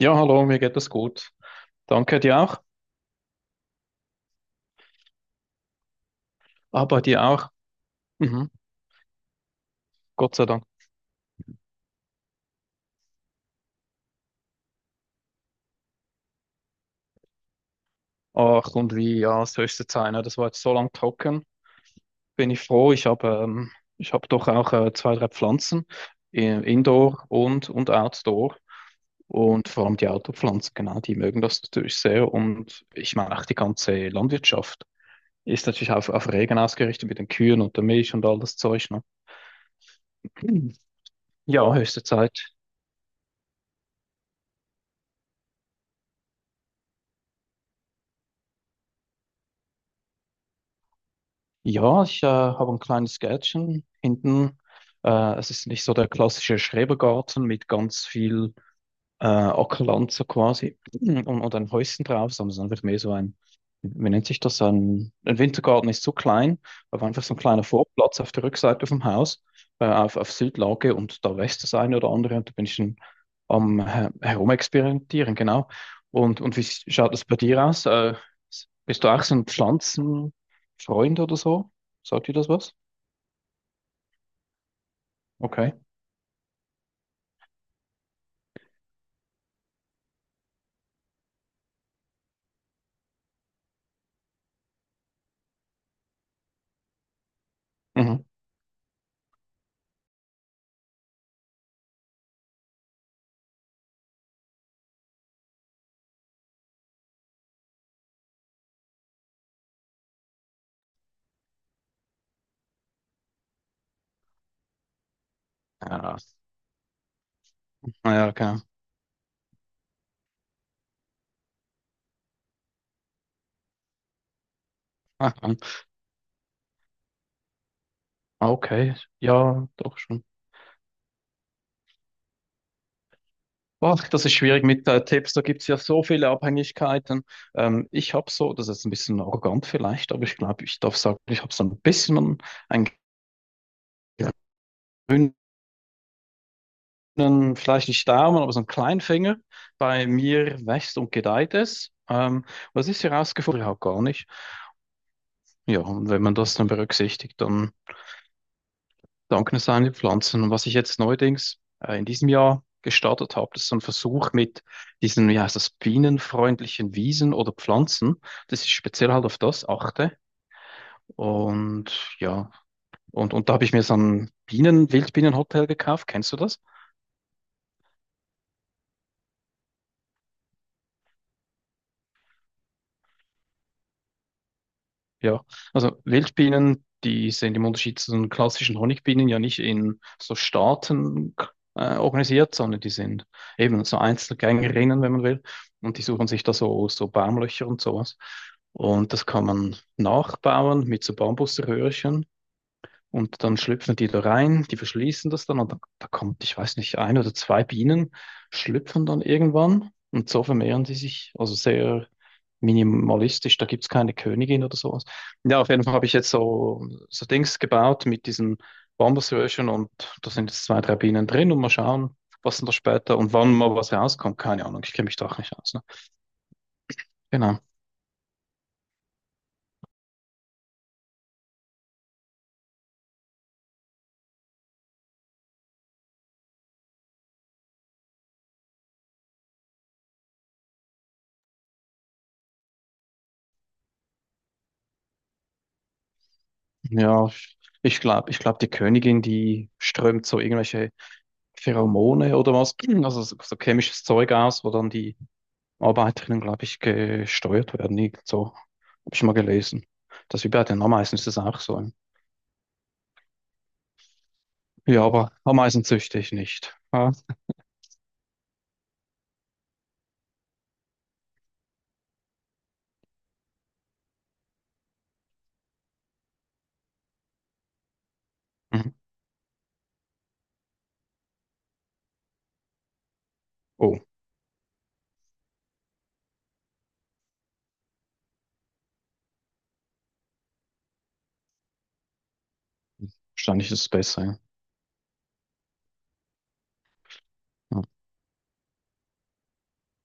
Ja, hallo, mir geht es gut. Danke dir auch. Aber dir auch. Mhm. Gott sei Dank. Ach, und wie, ja, es höchste Zeit, ne? Das war jetzt so lang trocken. Bin ich froh. Ich habe doch auch zwei, drei Pflanzen. Indoor und, Outdoor. Und vor allem die Outdoor-Pflanzen, genau, die mögen das natürlich sehr. Und ich meine auch die ganze Landwirtschaft ist natürlich auf Regen ausgerichtet mit den Kühen und der Milch und all das Zeug, ne? Mhm. Ja, höchste Zeit. Ja, ich habe ein kleines Gärtchen hinten. Es ist nicht so der klassische Schrebergarten mit ganz viel Ackerland so quasi und, ein Häuschen drauf, sondern es ist einfach mehr so ein, wie nennt sich das, ein Wintergarten ist so klein, aber einfach so ein kleiner Vorplatz auf der Rückseite vom Haus, auf Südlage und da wächst das eine oder andere und da bin ich schon am Herumexperimentieren, genau. Und, wie schaut das bei dir aus? Bist du auch so ein Pflanzenfreund oder so? Sagt dir das was? Okay. Mhm. Ja, ja, okay. Okay, ja, doch schon. Boah, das ist schwierig mit Tipps, da gibt es ja so viele Abhängigkeiten. Ich habe so, das ist ein bisschen arrogant vielleicht, aber ich glaube, ich darf sagen, ich habe so ein bisschen einen grünen, vielleicht nicht Daumen, aber so einen kleinen Finger. Bei mir wächst und gedeiht es. Was ich herausgefunden habe, gar nicht. Ja, und wenn man das dann berücksichtigt, dann dankensame Pflanzen. Und was ich jetzt neuerdings in diesem Jahr gestartet habe, das ist so ein Versuch mit diesen, wie heißt das, bienenfreundlichen Wiesen oder Pflanzen, dass ich speziell halt auf das achte. Und ja, und, da habe ich mir so ein Bienen, Wildbienenhotel gekauft. Kennst du das? Ja, also Wildbienen, die sind im Unterschied zu den klassischen Honigbienen ja nicht in so Staaten organisiert, sondern die sind eben so Einzelgängerinnen, wenn man will. Und die suchen sich da so, so Baumlöcher und sowas. Und das kann man nachbauen mit so Bambuserhörchen. Und dann schlüpfen die da rein, die verschließen das dann und da, da kommt, ich weiß nicht, ein oder zwei Bienen schlüpfen dann irgendwann und so vermehren die sich, also sehr minimalistisch, da gibt es keine Königin oder sowas. Ja, auf jeden Fall habe ich jetzt so, so Dings gebaut mit diesen Bambusröhrchen und da sind jetzt zwei, drei Bienen drin und mal schauen, was denn da später und wann mal was rauskommt, keine Ahnung, ich kenne mich doch nicht aus. Ne? Genau, ja, ich glaube, die Königin, die strömt so irgendwelche Pheromone oder was, also so, so chemisches Zeug aus, wo dann die Arbeiterinnen, glaube ich, gesteuert werden. Irgend so habe ich mal gelesen. Das wie bei den Ameisen ist das auch so. Ja, aber Ameisen züchte ich nicht. Ah. Mhm. Oh, wahrscheinlich ist es besser. Ja. Ja,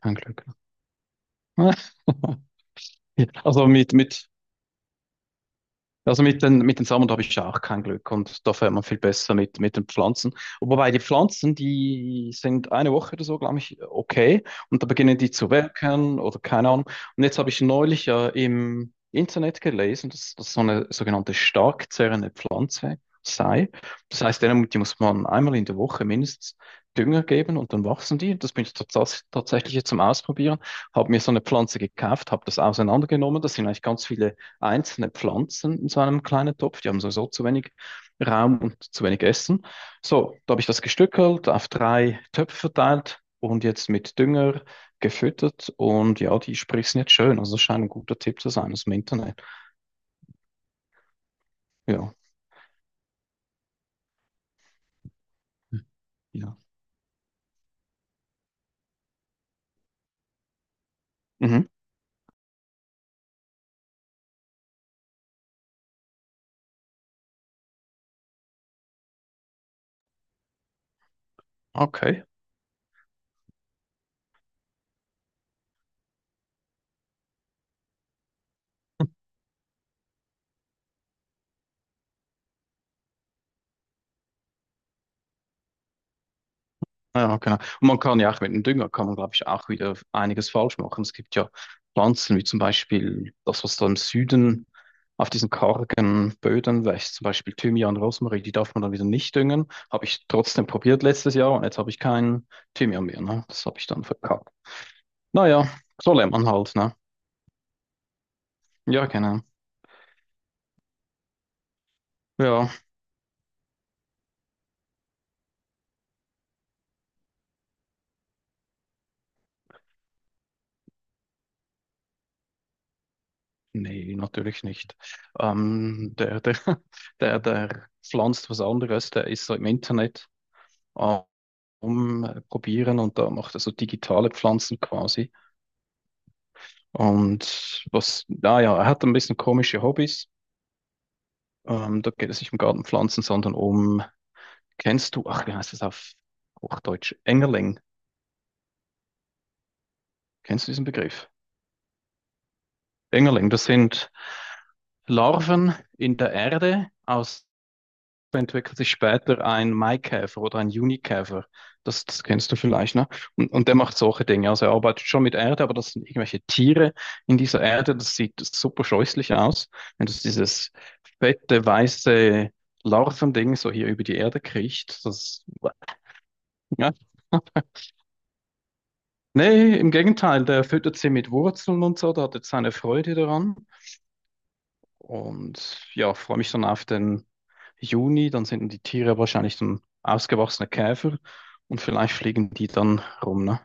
kein Glück. Ja, also mit, mit den, mit den Samen habe ich auch kein Glück und da fährt man viel besser mit den Pflanzen. Wobei die Pflanzen, die sind eine Woche oder so, glaube ich, okay. Und da beginnen die zu welken oder keine Ahnung. Und jetzt habe ich neulich ja im Internet gelesen, dass das so eine sogenannte stark zerrende Pflanze sei. Das heißt, die muss man einmal in der Woche mindestens Dünger geben und dann wachsen die. Das bin ich tatsächlich jetzt zum Ausprobieren. Habe mir so eine Pflanze gekauft, habe das auseinandergenommen. Das sind eigentlich ganz viele einzelne Pflanzen in so einem kleinen Topf. Die haben sowieso zu wenig Raum und zu wenig Essen. So, da habe ich das gestückelt, auf drei Töpfe verteilt und jetzt mit Dünger gefüttert. Und ja, die sprießen jetzt schön. Also das scheint ein guter Tipp zu sein aus dem Internet. Ja. Ja. Mhm. Okay. Ah, ja, genau. Und man kann ja auch mit dem Dünger, kann man, glaube ich, auch wieder einiges falsch machen. Es gibt ja Pflanzen, wie zum Beispiel das, was da im Süden auf diesen kargen Böden wächst, zum Beispiel Thymian, Rosmarin, die darf man dann wieder nicht düngen. Habe ich trotzdem probiert letztes Jahr und jetzt habe ich keinen Thymian mehr, ne? Das habe ich dann verkackt. Naja, so lernt man halt, ne? Ja, genau. Ja, nee, natürlich nicht. Der, der, der pflanzt was anderes, der ist so im Internet rumprobieren und da macht er so digitale Pflanzen quasi. Und was, naja, er hat ein bisschen komische Hobbys. Da geht es nicht um Gartenpflanzen, sondern um, kennst du, ach, wie heißt das auf Hochdeutsch? Engerling. Kennst du diesen Begriff? Engerling, das sind Larven in der Erde, aus entwickelt sich später ein Maikäfer oder ein Junikäfer. Das, das kennst du vielleicht, ne? Und der macht solche Dinge. Also er arbeitet schon mit Erde, aber das sind irgendwelche Tiere in dieser Erde. Das sieht super scheußlich aus, wenn das dieses fette, weiße Larvending so hier über die Erde kriecht. Das, ja. Nee, im Gegenteil, der füttert sie mit Wurzeln und so, da hat jetzt seine Freude daran. Und ja, freue mich dann auf den Juni. Dann sind die Tiere wahrscheinlich dann ausgewachsene Käfer und vielleicht fliegen die dann rum, ne?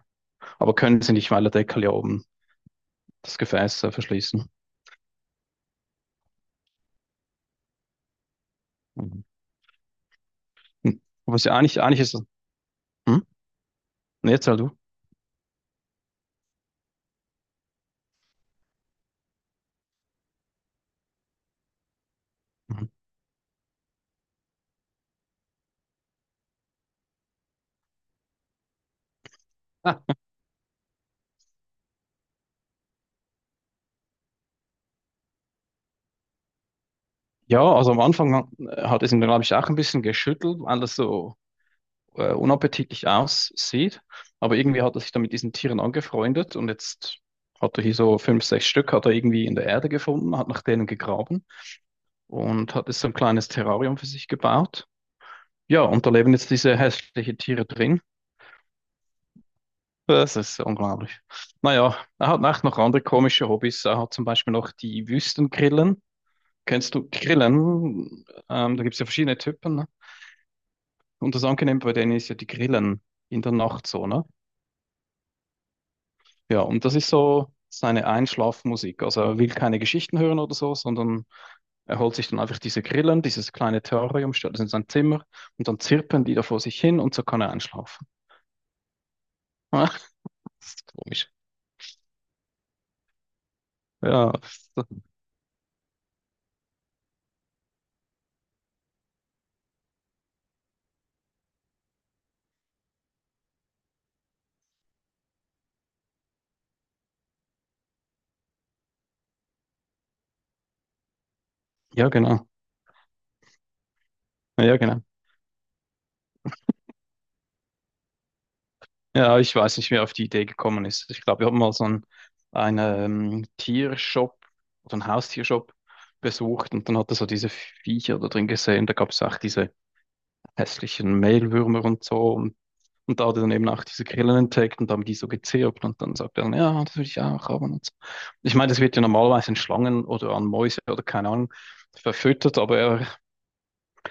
Aber können sie nicht, weil der Deckel ja oben das Gefäß verschließen. Mhm. Hm. Aber es ist ja eigentlich ist es. Hm? Nee, erzähl du. Mhm. Ah. Ja, also am Anfang hat es ihn, glaube ich, auch ein bisschen geschüttelt, weil das so unappetitlich aussieht. Aber irgendwie hat er sich dann mit diesen Tieren angefreundet und jetzt hat er hier so fünf, sechs Stück, hat er irgendwie in der Erde gefunden, hat nach denen gegraben und hat jetzt so ein kleines Terrarium für sich gebaut. Ja, und da leben jetzt diese hässlichen Tiere drin. Das ist unglaublich. Naja, er hat auch noch andere komische Hobbys. Er hat zum Beispiel noch die Wüstengrillen. Kennst du Grillen? Da gibt es ja verschiedene Typen. Ne? Und das Angenehme bei denen ist ja die Grillen in der Nacht so, ne? Ja, und das ist so seine Einschlafmusik. Also er will keine Geschichten hören oder so, sondern er holt sich dann einfach diese Grillen, dieses kleine Terrarium, stellt das in sein Zimmer und dann zirpen die da vor sich hin und so kann er einschlafen. Das ist komisch. Ja, ja, genau. Ja, genau. Ja, ich weiß nicht, wer auf die Idee gekommen ist. Ich glaube, wir haben mal so einen, einen Tiershop oder einen Haustiershop besucht und dann hat er so diese Viecher da drin gesehen. Da gab es auch diese hässlichen Mehlwürmer und so. Und, da hat er dann eben auch diese Grillen entdeckt und haben die so gezirpt und dann sagt er dann, ja, das will ich auch haben und so. Ich meine, das wird ja normalerweise an Schlangen oder an Mäuse oder keine Ahnung verfüttert,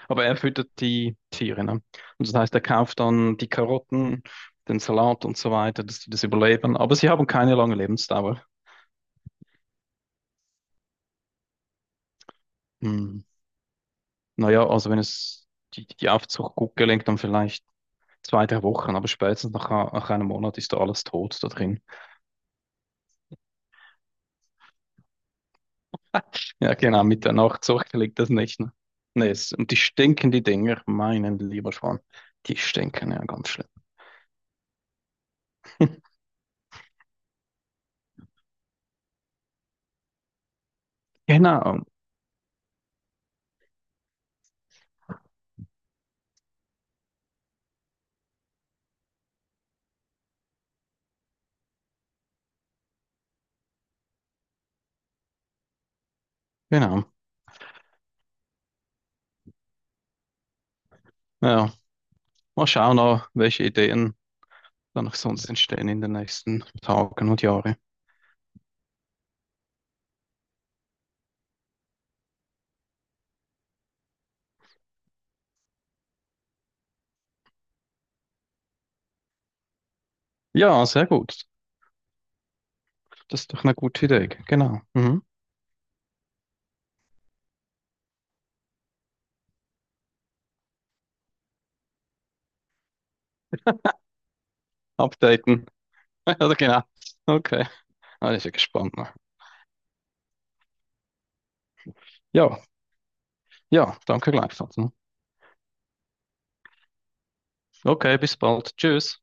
aber er füttert die Tiere, ne? Und das heißt, er kauft dann die Karotten, den Salat und so weiter, dass die das überleben. Aber sie haben keine lange Lebensdauer. Hm. Naja, also wenn es die, die Aufzucht gut gelingt, dann vielleicht zwei, drei Wochen, aber spätestens nach, nach einem Monat ist da alles tot da drin. Ja, genau, mit der Nachzucht gelingt das nicht. Ne? Nee, es, und die stinken, die Dinger, mein lieber Schwan. Die stinken ja ganz schlimm. Genau, genau. Ja, mal schauen, noch, welche Ideen dann auch sonst entstehen in den nächsten Tagen und Jahren. Ja, sehr gut. Das ist doch eine gute Idee. Genau. Mhm. Updaten. Oder genau. Okay. Ah, ich bin gespannt. Ne? Ja, ja, danke gleichfalls. Ne? Okay, bis bald. Tschüss.